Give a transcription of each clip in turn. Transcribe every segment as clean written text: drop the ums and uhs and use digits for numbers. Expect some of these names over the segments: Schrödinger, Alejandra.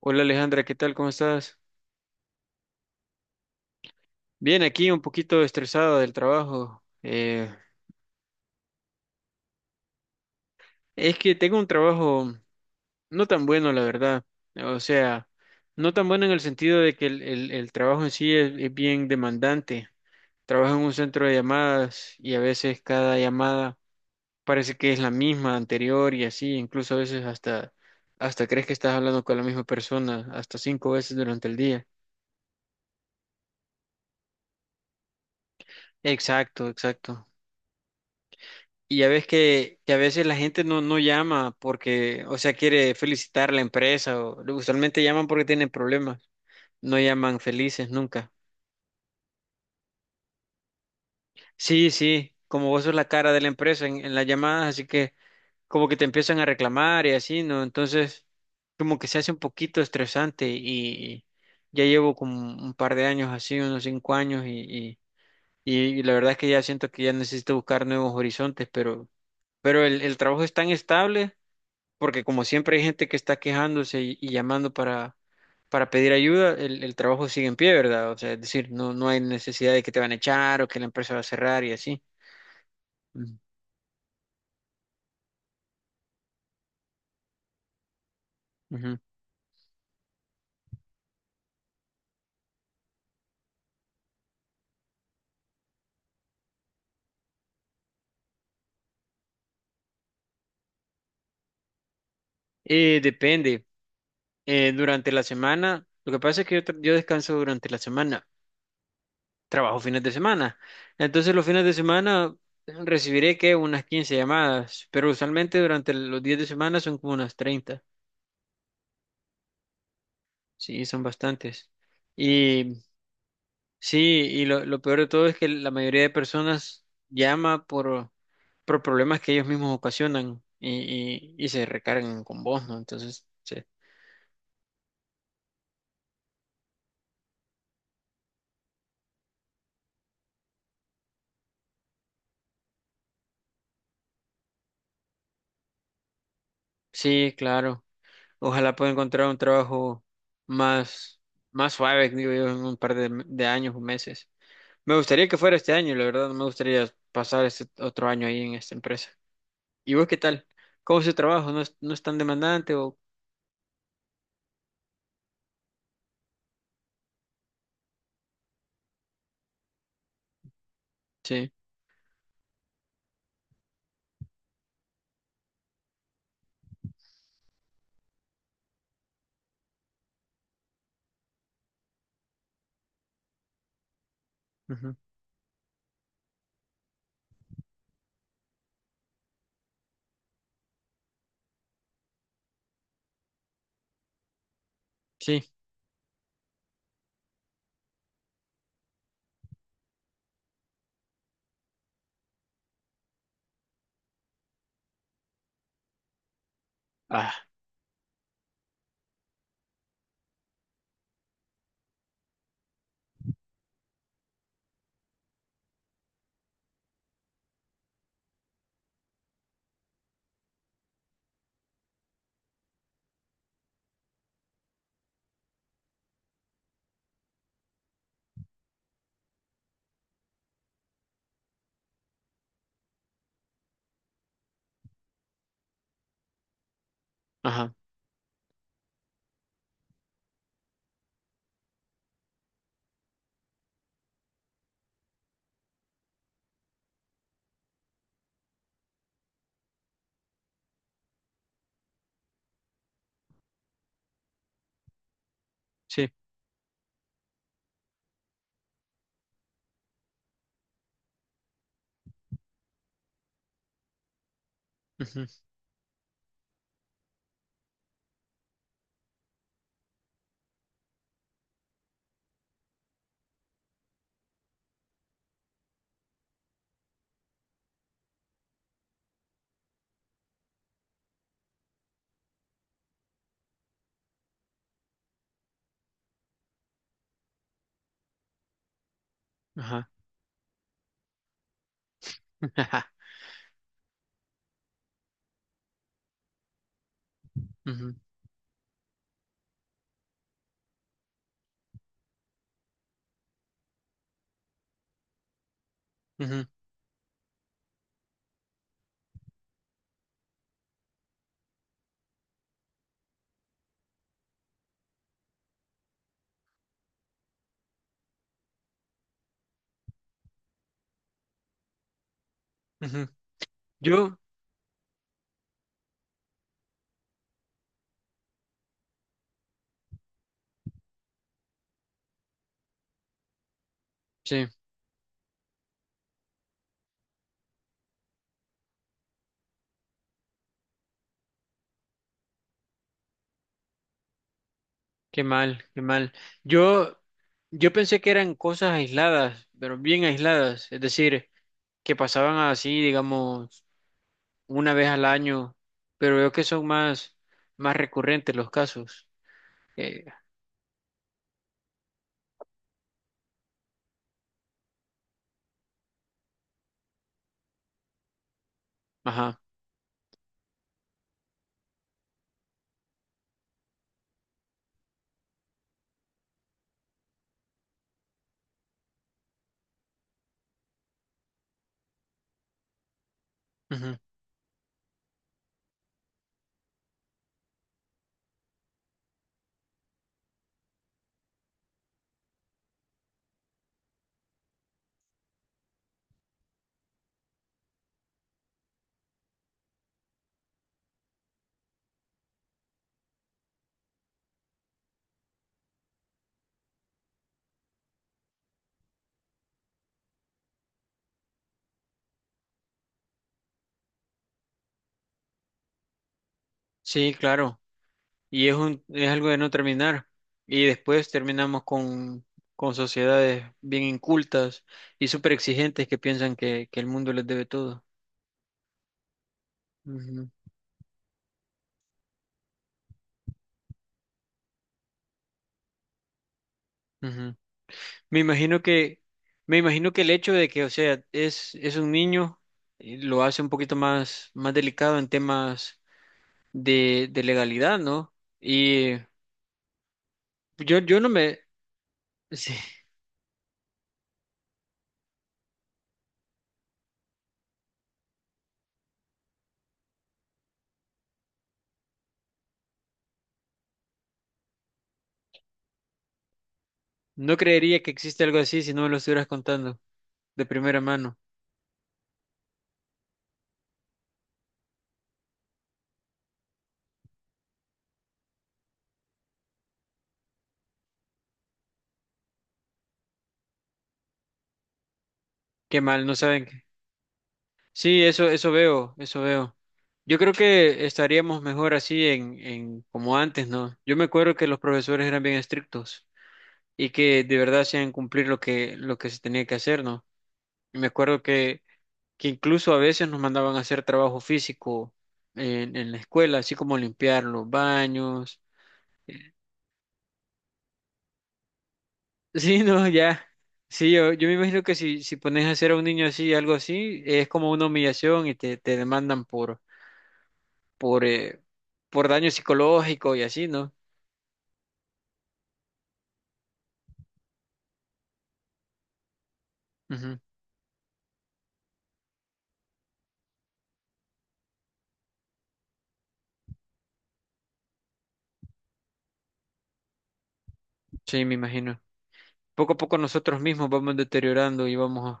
Hola Alejandra, ¿qué tal? ¿Cómo estás? Bien, aquí un poquito estresado del trabajo. Es que tengo un trabajo no tan bueno, la verdad. O sea, no tan bueno en el sentido de que el trabajo en sí es bien demandante. Trabajo en un centro de llamadas y a veces cada llamada parece que es la misma anterior y así. Incluso a veces hasta crees que estás hablando con la misma persona hasta 5 veces durante el día. Exacto, exacto. Y ya ves que a veces la gente no llama porque, o sea, quiere felicitar a la empresa o usualmente llaman porque tienen problemas. No llaman felices nunca. Sí, sí, como vos sos la cara de la empresa en las llamadas, así que como que te empiezan a reclamar y así, ¿no? Entonces, como que se hace un poquito estresante y ya llevo como un par de años así, unos 5 años y la verdad es que ya siento que ya necesito buscar nuevos horizontes, pero el trabajo es tan estable porque como siempre hay gente que está quejándose y llamando para pedir ayuda, el trabajo sigue en pie, ¿verdad? O sea, es decir, no hay necesidad de que te van a echar o que la empresa va a cerrar y así. Ujú. Ujú. Depende. Durante la semana, lo que pasa es que yo descanso durante la semana, trabajo fines de semana. Entonces los fines de semana recibiré que unas 15 llamadas, pero usualmente durante los días de semana son como unas 30. Sí, son bastantes. Sí, y lo peor de todo es que la mayoría de personas llama por problemas que ellos mismos ocasionan y se recargan con vos, ¿no? Entonces, sí, sí, claro. Ojalá pueda encontrar un trabajo más, más suave, digo yo, en un par de años o meses. Me gustaría que fuera este año, la verdad, no me gustaría pasar este otro año ahí en esta empresa. ¿Y vos qué tal? ¿Cómo es el trabajo? ¿No es, no es tan demandante o...? Sí, ujú, sí, ah, ajá, sí, ujú, ajá. Ujú, ujú, ujú. Yo, sí, qué mal, qué mal. Yo, yo pensé que eran cosas aisladas, pero bien aisladas, es decir, que pasaban así, digamos, una vez al año, pero veo que son más, más recurrentes los casos. Eh, ajá, ujú. Sí, claro, y es es algo de no terminar. Y después terminamos con sociedades bien incultas y súper exigentes que piensan que el mundo les debe todo. Ujú, ujú. Me imagino que, me imagino que el hecho de que, o sea, es un niño, lo hace un poquito más, más delicado en temas de legalidad, ¿no? Y yo no me, sí, no creería que existe algo así si no me lo estuvieras contando de primera mano. Qué mal, no saben. Que- Sí, eso veo, eso veo. Yo creo que estaríamos mejor así en como antes, ¿no? Yo me acuerdo que los profesores eran bien estrictos y que de verdad hacían cumplir lo lo que se tenía que hacer, ¿no? Y me acuerdo que incluso a veces nos mandaban a hacer trabajo físico en la escuela, así como limpiar los baños. Sí, no, ya. Sí, yo me imagino que si, si pones a hacer a un niño así, algo así, es como una humillación y te demandan por, eh, por daño psicológico y así, ¿no? Ujú, sí, me imagino. Poco a poco nosotros mismos vamos deteriorando y vamos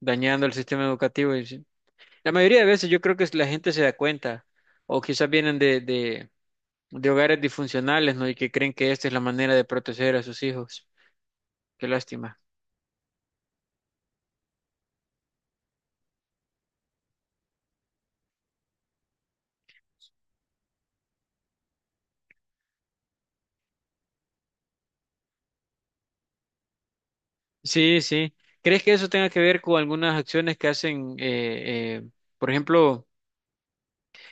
dañando el sistema educativo. Y sí. La mayoría de veces yo creo que la gente se da cuenta, o quizás vienen de hogares disfuncionales, ¿no? Y que creen que esta es la manera de proteger a sus hijos. Qué lástima. Sí, sí. ¿Crees que eso tenga que ver con algunas acciones que hacen, por ejemplo,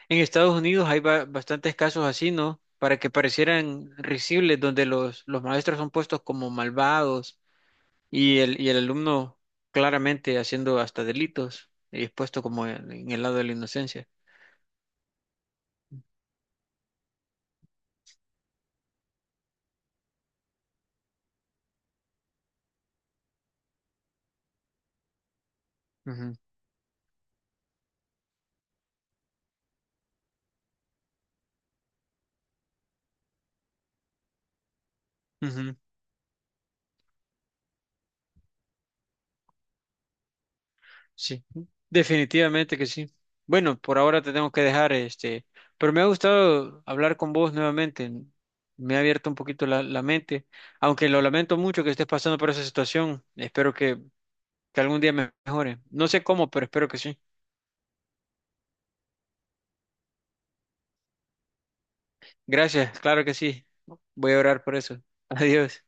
en Estados Unidos hay bastantes casos así, ¿no? Para que parecieran risibles, donde los maestros son puestos como malvados y el alumno claramente haciendo hasta delitos y expuesto como en el lado de la inocencia. Ujú, ujú. Sí, definitivamente que sí. Bueno, por ahora te tengo que dejar, este, pero me ha gustado hablar con vos nuevamente. Me ha abierto un poquito la mente, aunque lo lamento mucho que estés pasando por esa situación. Espero que algún día me mejore. No sé cómo, pero espero que sí. Gracias, claro que sí. Voy a orar por eso. Adiós.